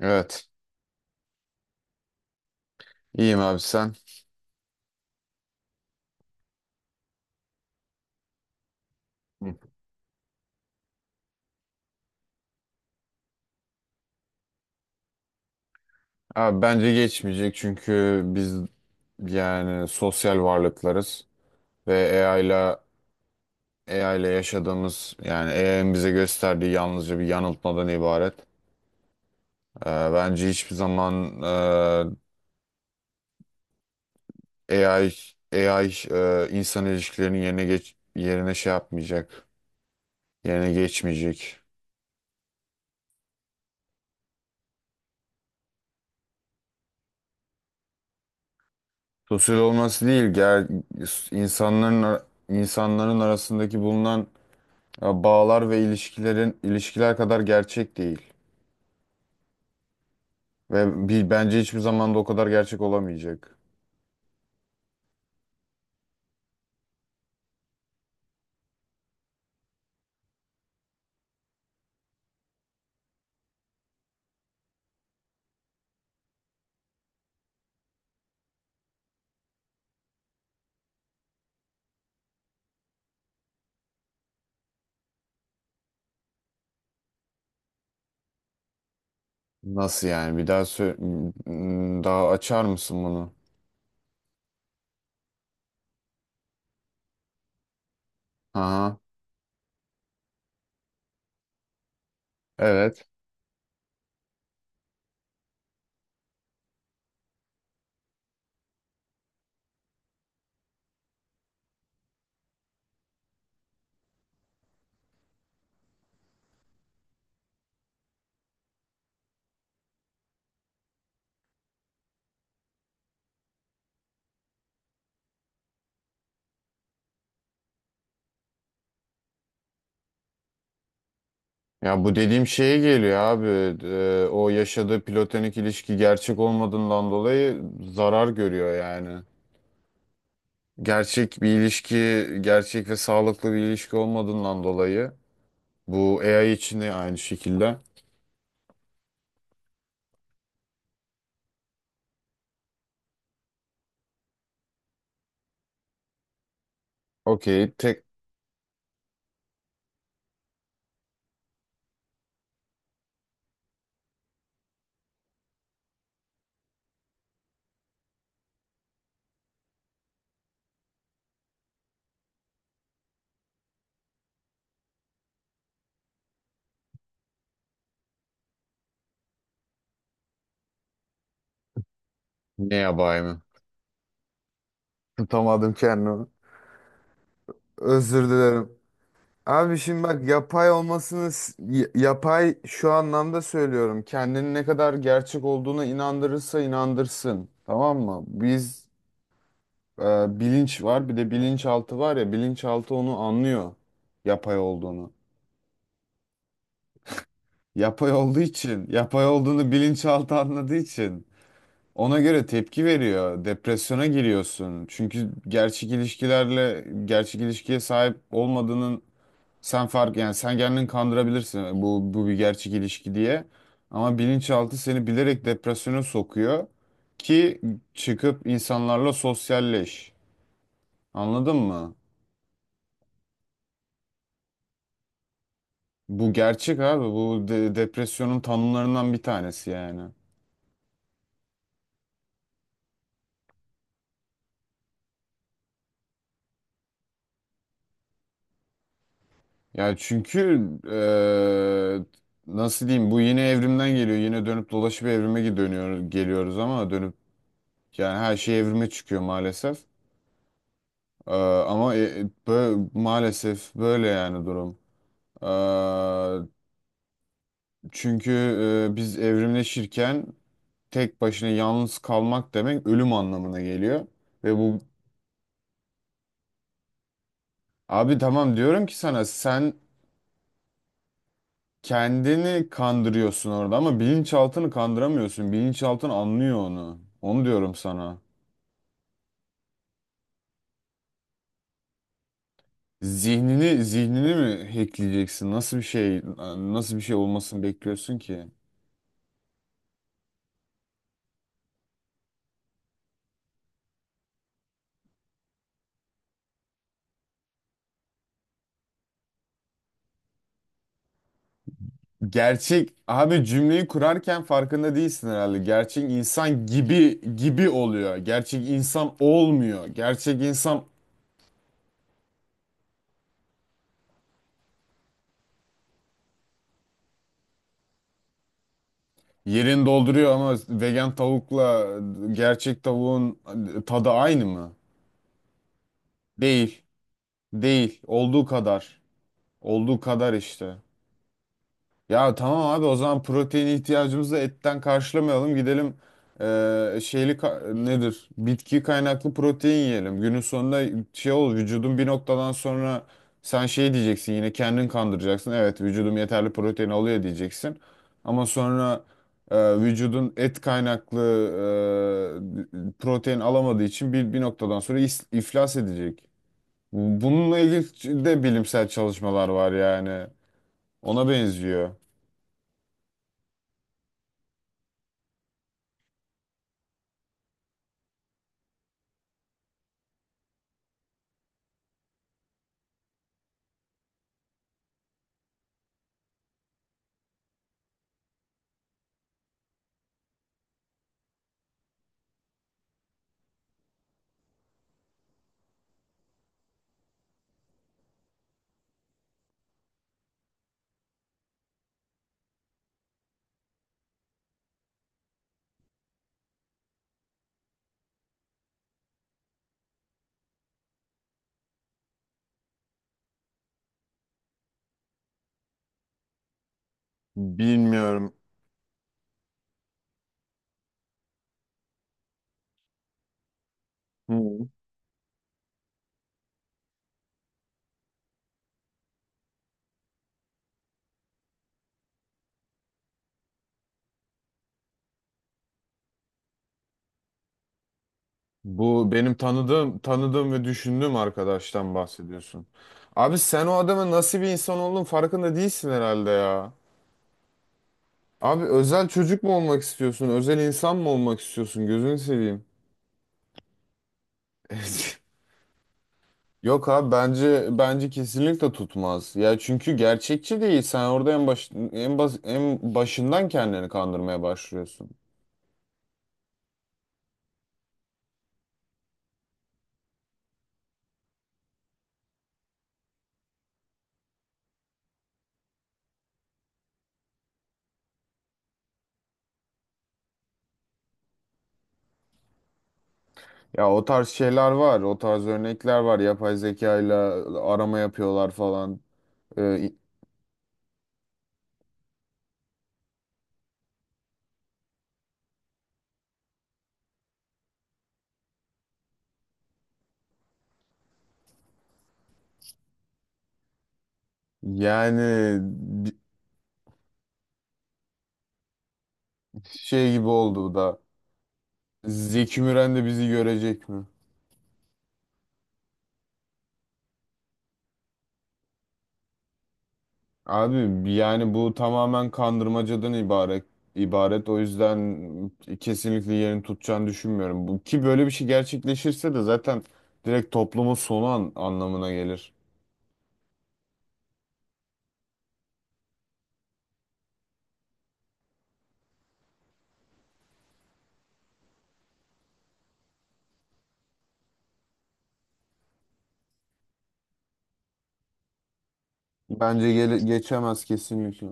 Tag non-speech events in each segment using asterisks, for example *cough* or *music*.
Evet. İyiyim abi, sen? Hı. Abi bence geçmeyecek çünkü biz yani sosyal varlıklarız ve AI ile yaşadığımız yani AI'nin bize gösterdiği yalnızca bir yanıltmadan ibaret. Bence hiçbir zaman e, AI AI insan ilişkilerinin yerine şey yapmayacak. Yerine geçmeyecek. Sosyal olması değil, insanların insanların arasındaki bulunan ya bağlar ve ilişkiler kadar gerçek değil. Ve bence hiçbir zaman da o kadar gerçek olamayacak. Nasıl yani? Bir daha daha açar mısın bunu? Aha, evet. Ya bu dediğim şeye geliyor abi. O yaşadığı platonik ilişki gerçek olmadığından dolayı zarar görüyor yani. Gerçek bir ilişki, gerçek ve sağlıklı bir ilişki olmadığından dolayı bu AI için de aynı şekilde. Okey, ne yapayım? *laughs* Tutamadım kendimi. Özür dilerim. Abi şimdi bak, yapay olmasını yapay şu anlamda söylüyorum. Kendini ne kadar gerçek olduğuna inandırırsa inandırsın. Tamam mı? Biz e, bilinç var, bir de bilinçaltı var ya, bilinçaltı onu anlıyor, yapay olduğunu. Yapay olduğu için, yapay olduğunu bilinçaltı anladığı için ona göre tepki veriyor. Depresyona giriyorsun. Çünkü gerçek ilişkilerle gerçek ilişkiye sahip olmadığının. Sen fark Yani sen kendini kandırabilirsin, bu bir gerçek ilişki diye. Ama bilinçaltı seni bilerek depresyona sokuyor ki çıkıp insanlarla sosyalleş. Anladın mı? Bu gerçek abi. Bu depresyonun tanımlarından bir tanesi yani. Ya çünkü nasıl diyeyim, bu yine evrimden geliyor. Yine dönüp dolaşıp evrime dönüyor geliyoruz, ama yani her şey evrime çıkıyor maalesef. Eee, Ama maalesef böyle yani durum. Eee, Çünkü biz evrimleşirken tek başına yalnız kalmak demek ölüm anlamına geliyor. Ve abi tamam, diyorum ki sana, sen kendini kandırıyorsun orada ama bilinçaltını kandıramıyorsun. Bilinçaltın anlıyor onu. Onu diyorum sana. Zihnini mi hackleyeceksin? Nasıl bir şey olmasını bekliyorsun ki? Gerçek abi, cümleyi kurarken farkında değilsin herhalde. Gerçek insan gibi gibi oluyor. Gerçek insan olmuyor. Gerçek insan yerini dolduruyor ama vegan tavukla gerçek tavuğun tadı aynı mı? Değil. Değil. Olduğu kadar. Olduğu kadar işte. Ya tamam abi, o zaman protein ihtiyacımızı etten karşılamayalım. Gidelim nedir? Bitki kaynaklı protein yiyelim. Günün sonunda şey ol vücudun bir noktadan sonra sen şey diyeceksin, yine kendin kandıracaksın. Evet, vücudum yeterli protein alıyor diyeceksin. Ama sonra vücudun et kaynaklı protein alamadığı için bir noktadan sonra iflas edecek. Bununla ilgili de bilimsel çalışmalar var yani. Ona benziyor. Bilmiyorum. Hı. Bu benim tanıdığım ve düşündüğüm arkadaştan bahsediyorsun. Abi sen o adamın nasıl bir insan olduğunun farkında değilsin herhalde ya. Abi, özel çocuk mu olmak istiyorsun? Özel insan mı olmak istiyorsun? Gözünü seveyim. *laughs* Yok abi, bence kesinlikle tutmaz. Ya çünkü gerçekçi değil. Sen orada en başından kendini kandırmaya başlıyorsun. Ya o tarz şeyler var, o tarz örnekler var. Yapay zekayla arama yapıyorlar falan. Ee, Yani bi- şey gibi oldu bu da. Zeki Müren de bizi görecek mi? Abi yani bu tamamen kandırmacadan ibaret. O yüzden kesinlikle yerini tutacağını düşünmüyorum. Ki böyle bir şey gerçekleşirse de zaten direkt toplumun sonu anlamına gelir. Bence geçemez kesinlikle.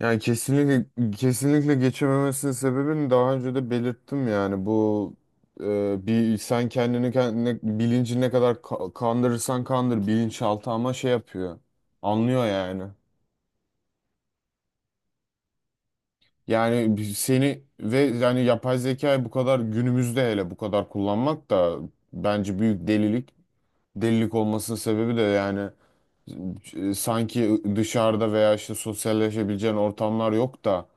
Yani kesinlikle geçememesinin sebebini daha önce de belirttim yani. Bu e, bir sen kendini kendine bilinci ne kadar kandırırsan kandır, bilinçaltı ama şey yapıyor, anlıyor yani. Yani seni ve yani yapay zekayı bu kadar günümüzde, hele bu kadar kullanmak da bence büyük delilik. Delilik olmasının sebebi de yani sanki dışarıda veya işte sosyalleşebileceğin ortamlar yok da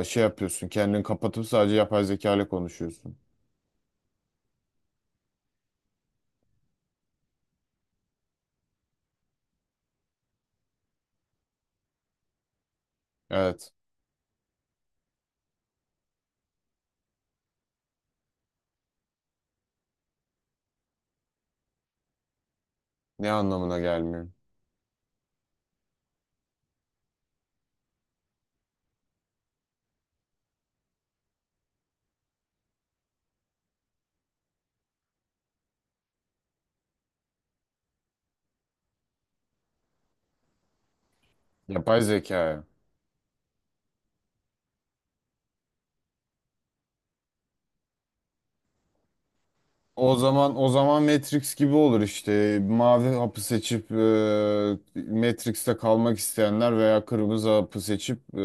şey yapıyorsun. Kendini kapatıp sadece yapay zeka ile konuşuyorsun. Evet. Ne anlamına gelmiyor? Yapay zekaya. O zaman Matrix gibi olur işte. Mavi hapı seçip Matrix'te kalmak isteyenler veya kırmızı hapı seçip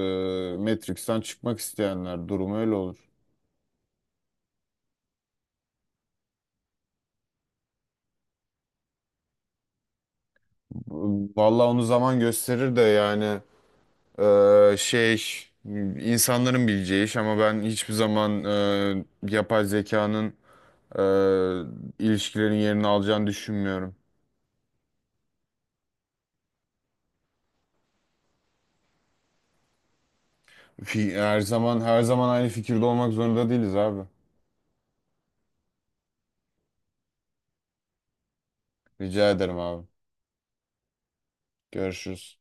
Matrix'ten çıkmak isteyenler durumu öyle olur. Vallahi onu zaman gösterir de yani. Ee, şey insanların bileceği iş, ama ben hiçbir zaman yapay zekanın ilişkilerin yerini alacağını düşünmüyorum. Her zaman her zaman aynı fikirde olmak zorunda değiliz abi. Rica ederim abi. Görüşürüz.